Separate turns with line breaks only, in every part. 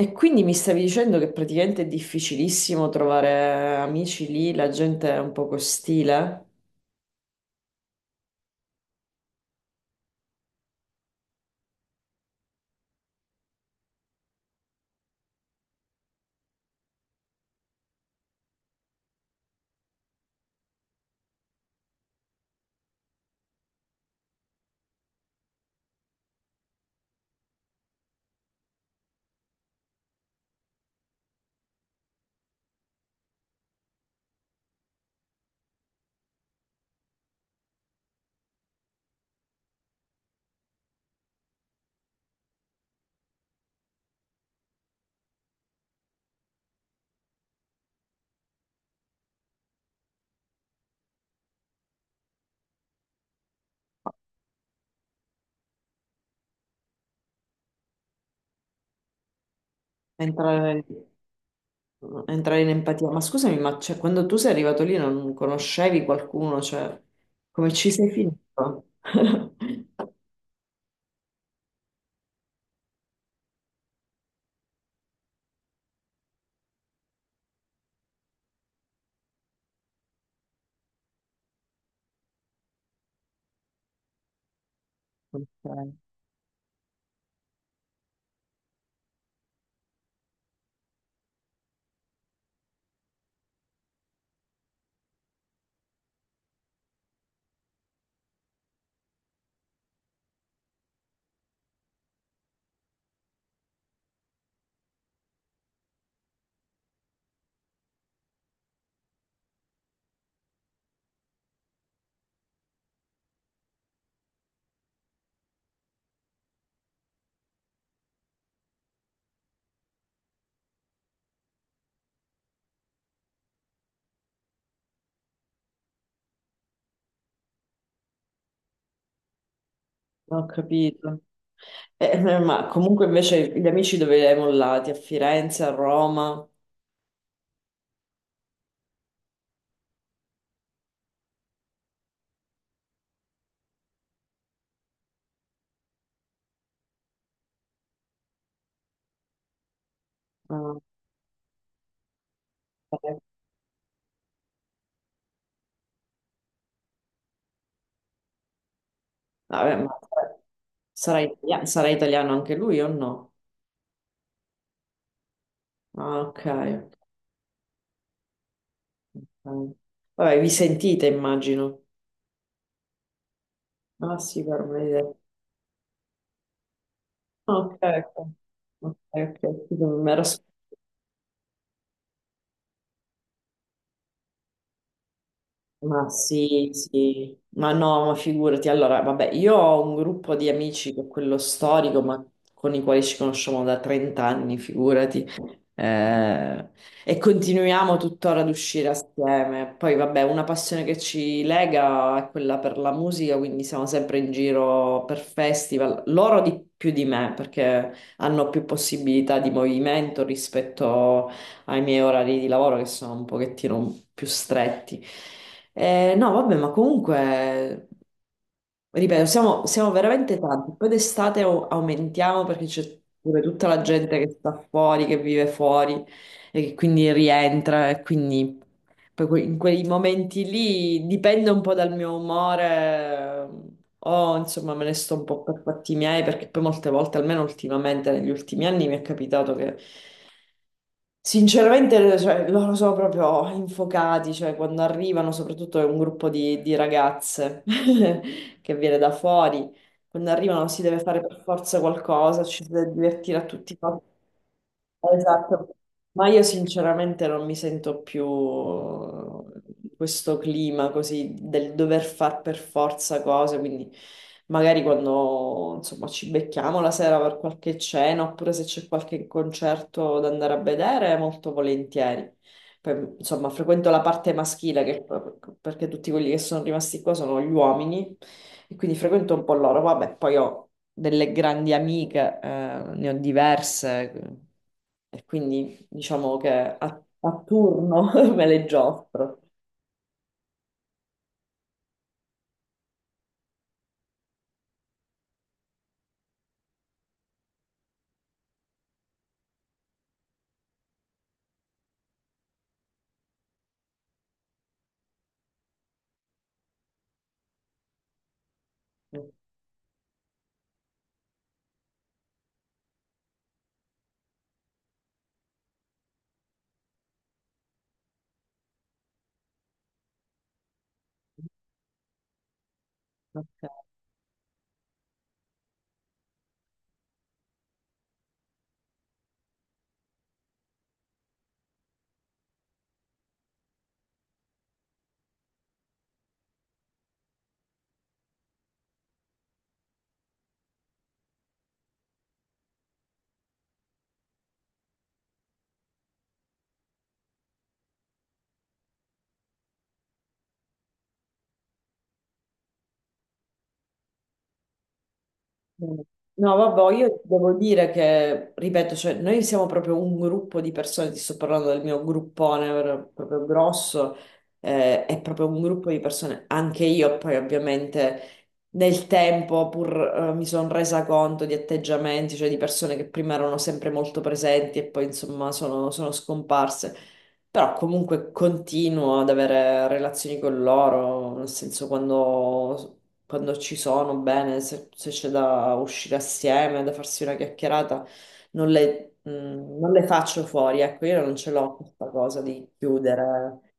E quindi mi stavi dicendo che praticamente è difficilissimo trovare amici lì, la gente è un po' ostile, entrare, entrare in empatia. Ma scusami, ma cioè, quando tu sei arrivato lì non conoscevi qualcuno, cioè, come ci sei finito? Ok. Ho capito. Ma comunque invece gli amici dove li hai mollati? A Firenze, a Roma? Ah, ok. Vabbè, ma sarà italiano anche lui o no? Ah, ok. Mm. Vabbè, vi sentite, immagino. Ah, sì, per me. Ah, ok, ecco. Ok, ok. Mi ero. Ma sì, sì, ma no, ma figurati, allora, vabbè, io ho un gruppo di amici che è quello storico, ma con i quali ci conosciamo da 30 anni, figurati, Eh, e continuiamo tuttora ad uscire assieme. Poi, vabbè, una passione che ci lega è quella per la musica, quindi siamo sempre in giro per festival, loro di più di me, perché hanno più possibilità di movimento rispetto ai miei orari di lavoro che sono un pochettino più stretti. No, vabbè, ma comunque, ripeto, siamo veramente tanti. Poi d'estate aumentiamo perché c'è pure tutta la gente che sta fuori, che vive fuori e che quindi rientra e quindi in quei momenti lì dipende un po' dal mio umore. O insomma me ne sto un po' per fatti miei perché poi molte volte, almeno ultimamente negli ultimi anni, mi è capitato che sinceramente, cioè, loro sono proprio infuocati, cioè quando arrivano, soprattutto è un gruppo di ragazze che viene da fuori, quando arrivano si deve fare per forza qualcosa, ci si deve divertire a tutti i costi. Esatto. Ma io sinceramente non mi sento più questo clima così del dover far per forza cose, quindi magari quando insomma ci becchiamo la sera per qualche cena oppure se c'è qualche concerto da andare a vedere, molto volentieri. Poi, insomma, frequento la parte maschile che- perché tutti quelli che sono rimasti qua sono gli uomini e quindi frequento un po' loro. Vabbè, poi ho delle grandi amiche, ne ho diverse e quindi diciamo che a turno me le giostro. Ok. No, vabbè, io devo dire che, ripeto, cioè, noi siamo proprio un gruppo di persone, ti sto parlando del mio gruppone proprio grosso, è proprio un gruppo di persone, anche io poi ovviamente nel tempo pur mi sono resa conto di atteggiamenti, cioè di persone che prima erano sempre molto presenti e poi insomma sono scomparse, però comunque continuo ad avere relazioni con loro, nel senso quando ci sono, bene, se c'è da uscire assieme, da farsi una chiacchierata, non le, mh, non le faccio fuori, ecco, io non ce l'ho questa cosa di chiudere.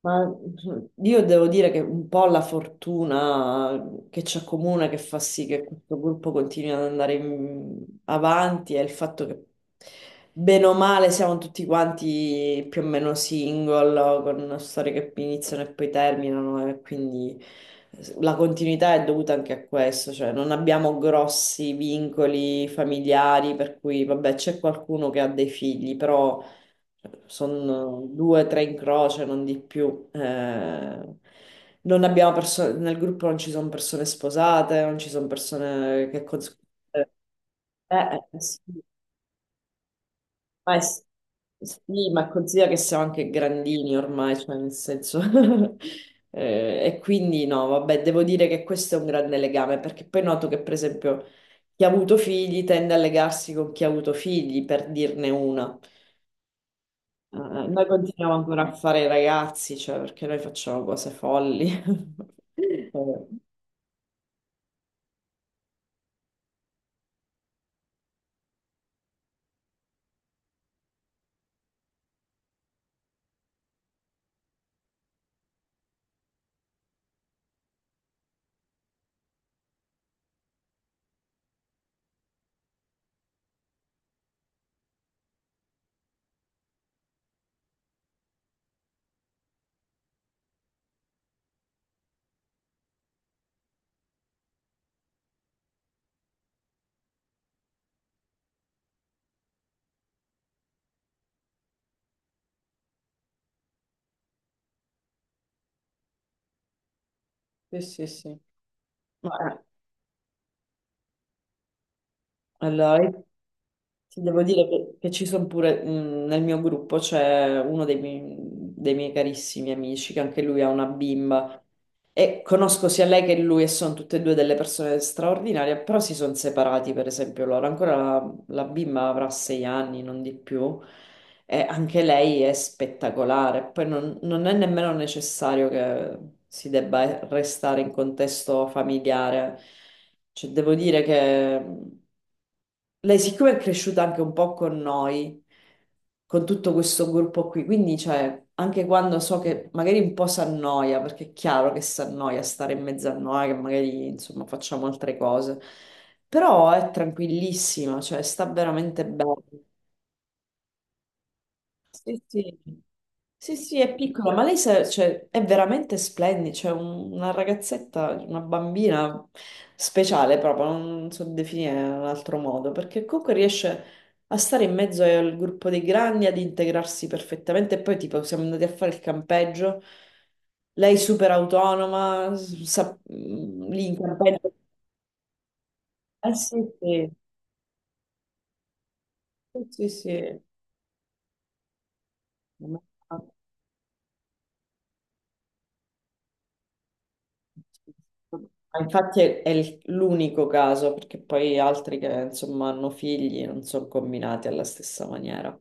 Ma cioè, io devo dire che un po' la fortuna che ci accomuna, che fa sì che questo gruppo continui ad avanti, è il fatto che bene o male siamo tutti quanti più o meno single, con storie che iniziano e poi terminano, e quindi la continuità è dovuta anche a questo, cioè non abbiamo grossi vincoli familiari, per cui vabbè c'è qualcuno che ha dei figli, però sono due, tre in croce, non di più. Non abbiamo perso- nel gruppo non ci sono persone sposate, non ci sono persone che eh, sì, sì, ma considera che siamo anche grandini ormai, cioè nel senso. Eh, e quindi no, vabbè, devo dire che questo è un grande legame, perché poi noto che, per esempio, chi ha avuto figli tende a legarsi con chi ha avuto figli, per dirne una. Eh, Noi continuiamo ancora a fare i ragazzi, cioè, perché noi facciamo cose folli. Eh, sì, sì, sì. ma, allora, io ti devo dire che ci sono pure, nel mio gruppo c'è uno dei miei carissimi amici, che anche lui ha una bimba. E conosco sia lei che lui e sono tutte e due delle persone straordinarie, però si sono separati, per esempio, loro. Ancora la bimba avrà sei anni, non di più, e anche lei è spettacolare. Poi non è nemmeno necessario che si debba restare in contesto familiare. Cioè, devo dire che lei siccome è cresciuta anche un po' con noi, con tutto questo gruppo qui, quindi cioè, anche quando so che magari un po' si annoia, perché è chiaro che si annoia stare in mezzo a noi, che magari insomma facciamo altre cose, però è tranquillissima, cioè sta veramente bene. Sì, sì. Sì, sì, è piccola, ma cioè, è veramente splendida, cioè una ragazzetta, una bambina speciale proprio, non so definire in un altro modo, perché comunque riesce a stare in mezzo al gruppo dei grandi, ad integrarsi perfettamente, e poi tipo siamo andati a fare il campeggio, lei super autonoma, sa, mm, lì in campeggio, eh sì, sì. Ma infatti è, l'unico caso, perché poi altri che insomma hanno figli non sono combinati alla stessa maniera.